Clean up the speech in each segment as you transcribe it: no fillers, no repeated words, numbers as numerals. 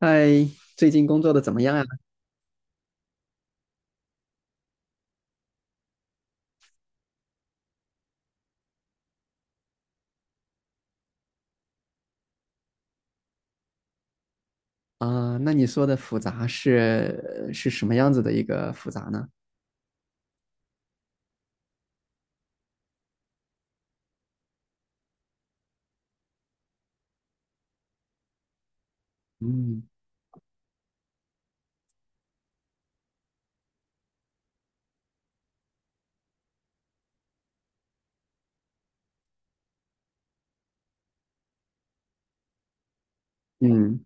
嗨，最近工作的怎么样啊？啊，那你说的复杂是什么样子的一个复杂呢？嗯嗯，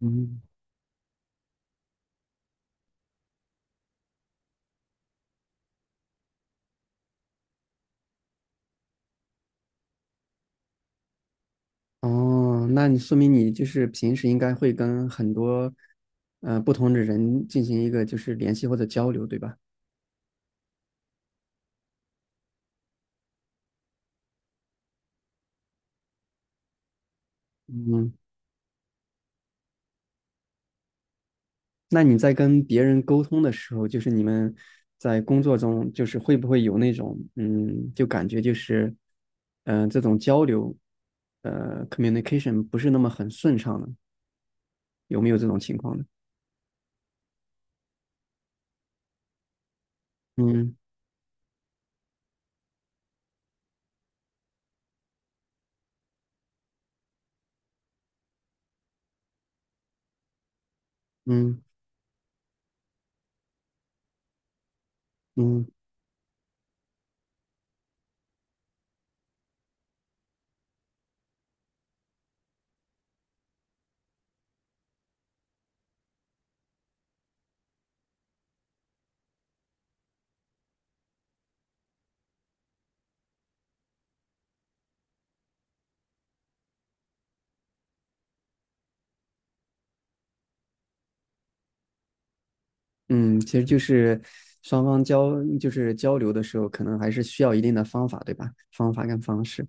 嗯，哦，那你说明你就是平时应该会跟很多不同的人进行一个就是联系或者交流，对吧？嗯，那你在跟别人沟通的时候，就是你们在工作中，就是会不会有那种嗯，就感觉就是嗯、呃这种交流communication 不是那么很顺畅呢？有没有这种情况呢？嗯嗯嗯嗯，其实就是双方交就是交流的时候，可能还是需要一定的方法，对吧？方法跟方式，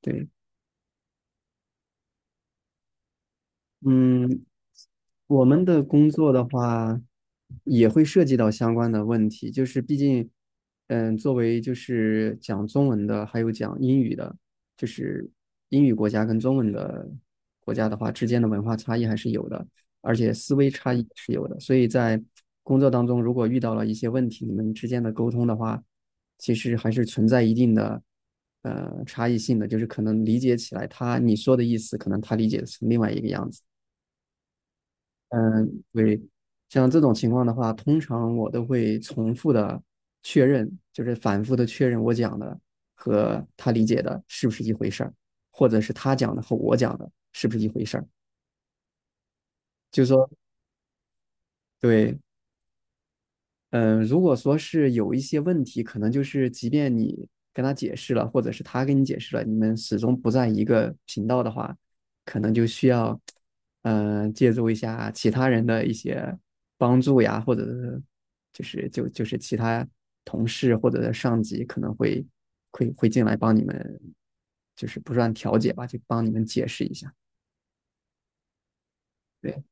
对。嗯，我们的工作的话，也会涉及到相关的问题，就是毕竟，嗯，作为就是讲中文的，还有讲英语的，就是英语国家跟中文的国家的话，之间的文化差异还是有的，而且思维差异也是有的，所以在工作当中，如果遇到了一些问题，你们之间的沟通的话，其实还是存在一定的差异性的，就是可能理解起来他你说的意思，可能他理解成另外一个样子。嗯，对，像这种情况的话，通常我都会重复的确认，就是反复的确认我讲的和他理解的是不是一回事儿，或者是他讲的和我讲的是不是一回事儿。就是说，对，嗯，如果说是有一些问题，可能就是即便你跟他解释了，或者是他跟你解释了，你们始终不在一个频道的话，可能就需要，嗯、借助一下其他人的一些帮助呀，或者是就是其他同事或者上级可能会进来帮你们，就是不算调解吧，就帮你们解释一下。对，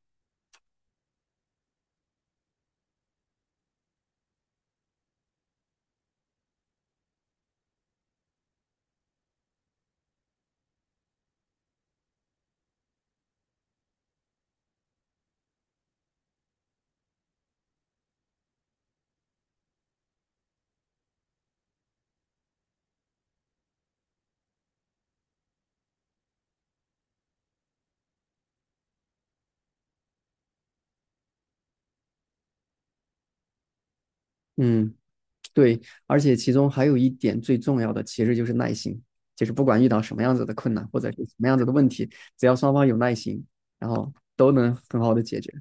嗯。对，而且其中还有一点最重要的，其实就是耐心。就是不管遇到什么样子的困难或者是什么样子的问题，只要双方有耐心，然后都能很好的解决。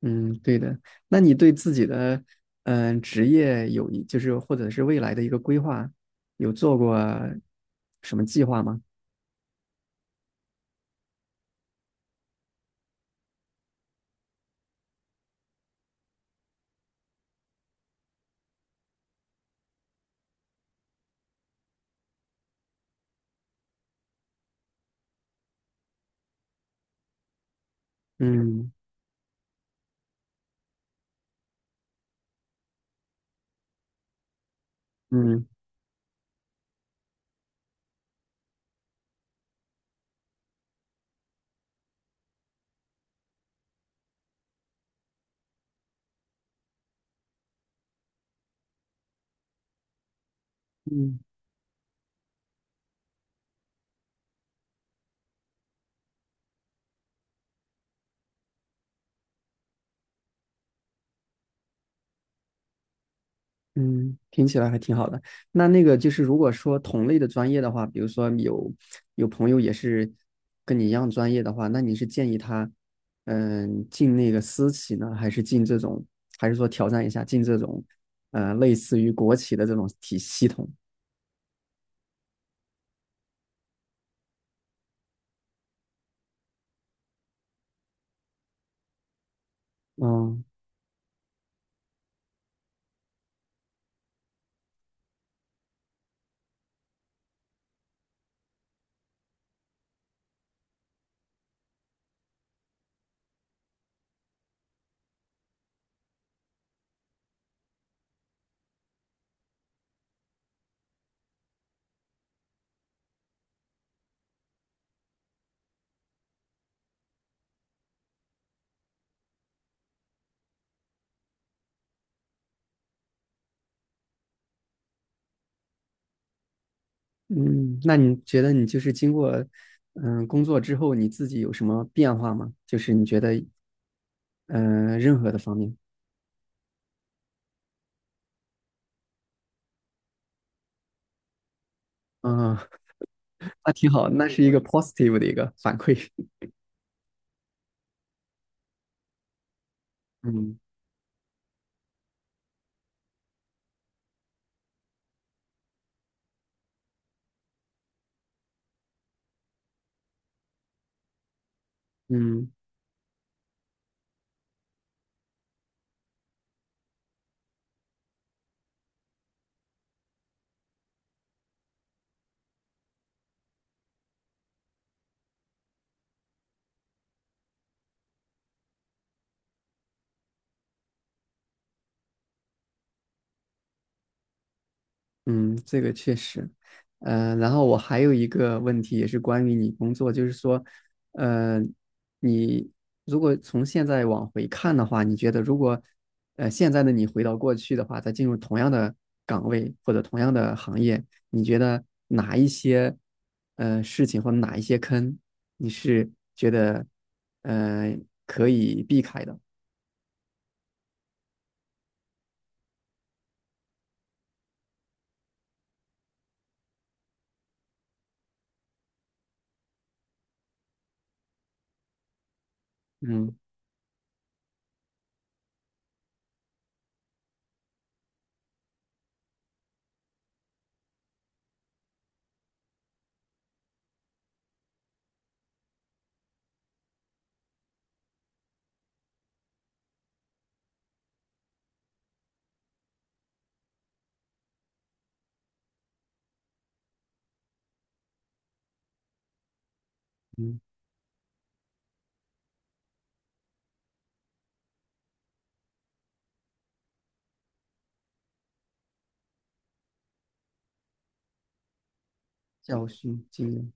嗯，对的。那你对自己的职业有一就是或者是未来的一个规划，有做过什么计划吗？嗯嗯嗯。嗯，听起来还挺好的。那那个就是，如果说同类的专业的话，比如说有朋友也是跟你一样专业的话，那你是建议他，嗯，进那个私企呢，还是进这种，还是说挑战一下进这种，呃，类似于国企的这种体系统？嗯嗯，那你觉得你就是经过工作之后，你自己有什么变化吗？就是你觉得任何的方面，嗯，那挺好，那是一个 positive 的一个反馈。嗯。嗯嗯，这个确实，呃，然后我还有一个问题，也是关于你工作，就是说，呃，你如果从现在往回看的话，你觉得如果，呃，现在的你回到过去的话，再进入同样的岗位或者同样的行业，你觉得哪一些，呃，事情或者哪一些坑，你是觉得，呃，可以避开的？嗯嗯，教训经验。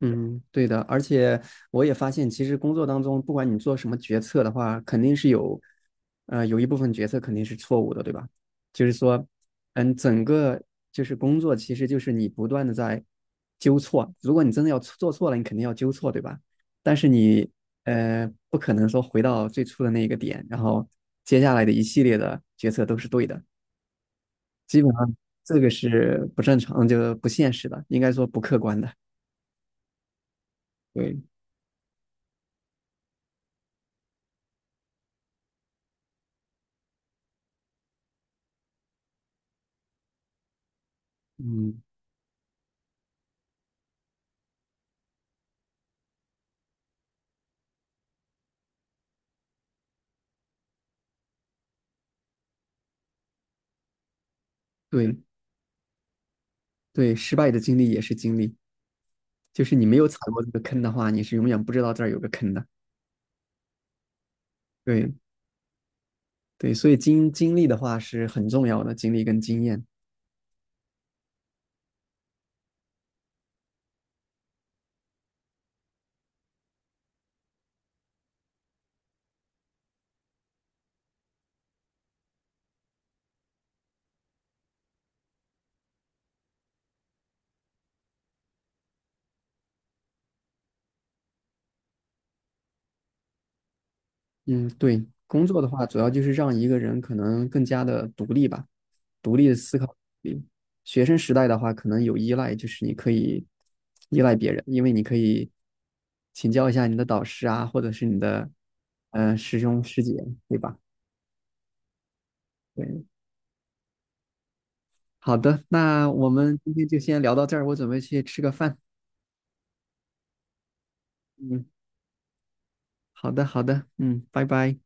嗯，对的，而且我也发现，其实工作当中，不管你做什么决策的话，肯定是有，呃，有一部分决策肯定是错误的，对吧？就是说，嗯，整个就是工作，其实就是你不断的在纠错。如果你真的要做错了，你肯定要纠错，对吧？但是你，呃，不可能说回到最初的那个点，然后接下来的一系列的决策都是对的，基本上这个是不正常，就不现实的，应该说不客观的。对，嗯，对。对，失败的经历也是经历，就是你没有踩过这个坑的话，你是永远不知道这儿有个坑的。对对，所以经历的话是很重要的，经历跟经验。嗯，对，工作的话主要就是让一个人可能更加的独立吧，独立的思考力。学生时代的话，可能有依赖，就是你可以依赖别人，因为你可以请教一下你的导师啊，或者是你的师兄师姐，对吧？对，好的，那我们今天就先聊到这儿，我准备去吃个饭。嗯，好的，好的，嗯，拜拜。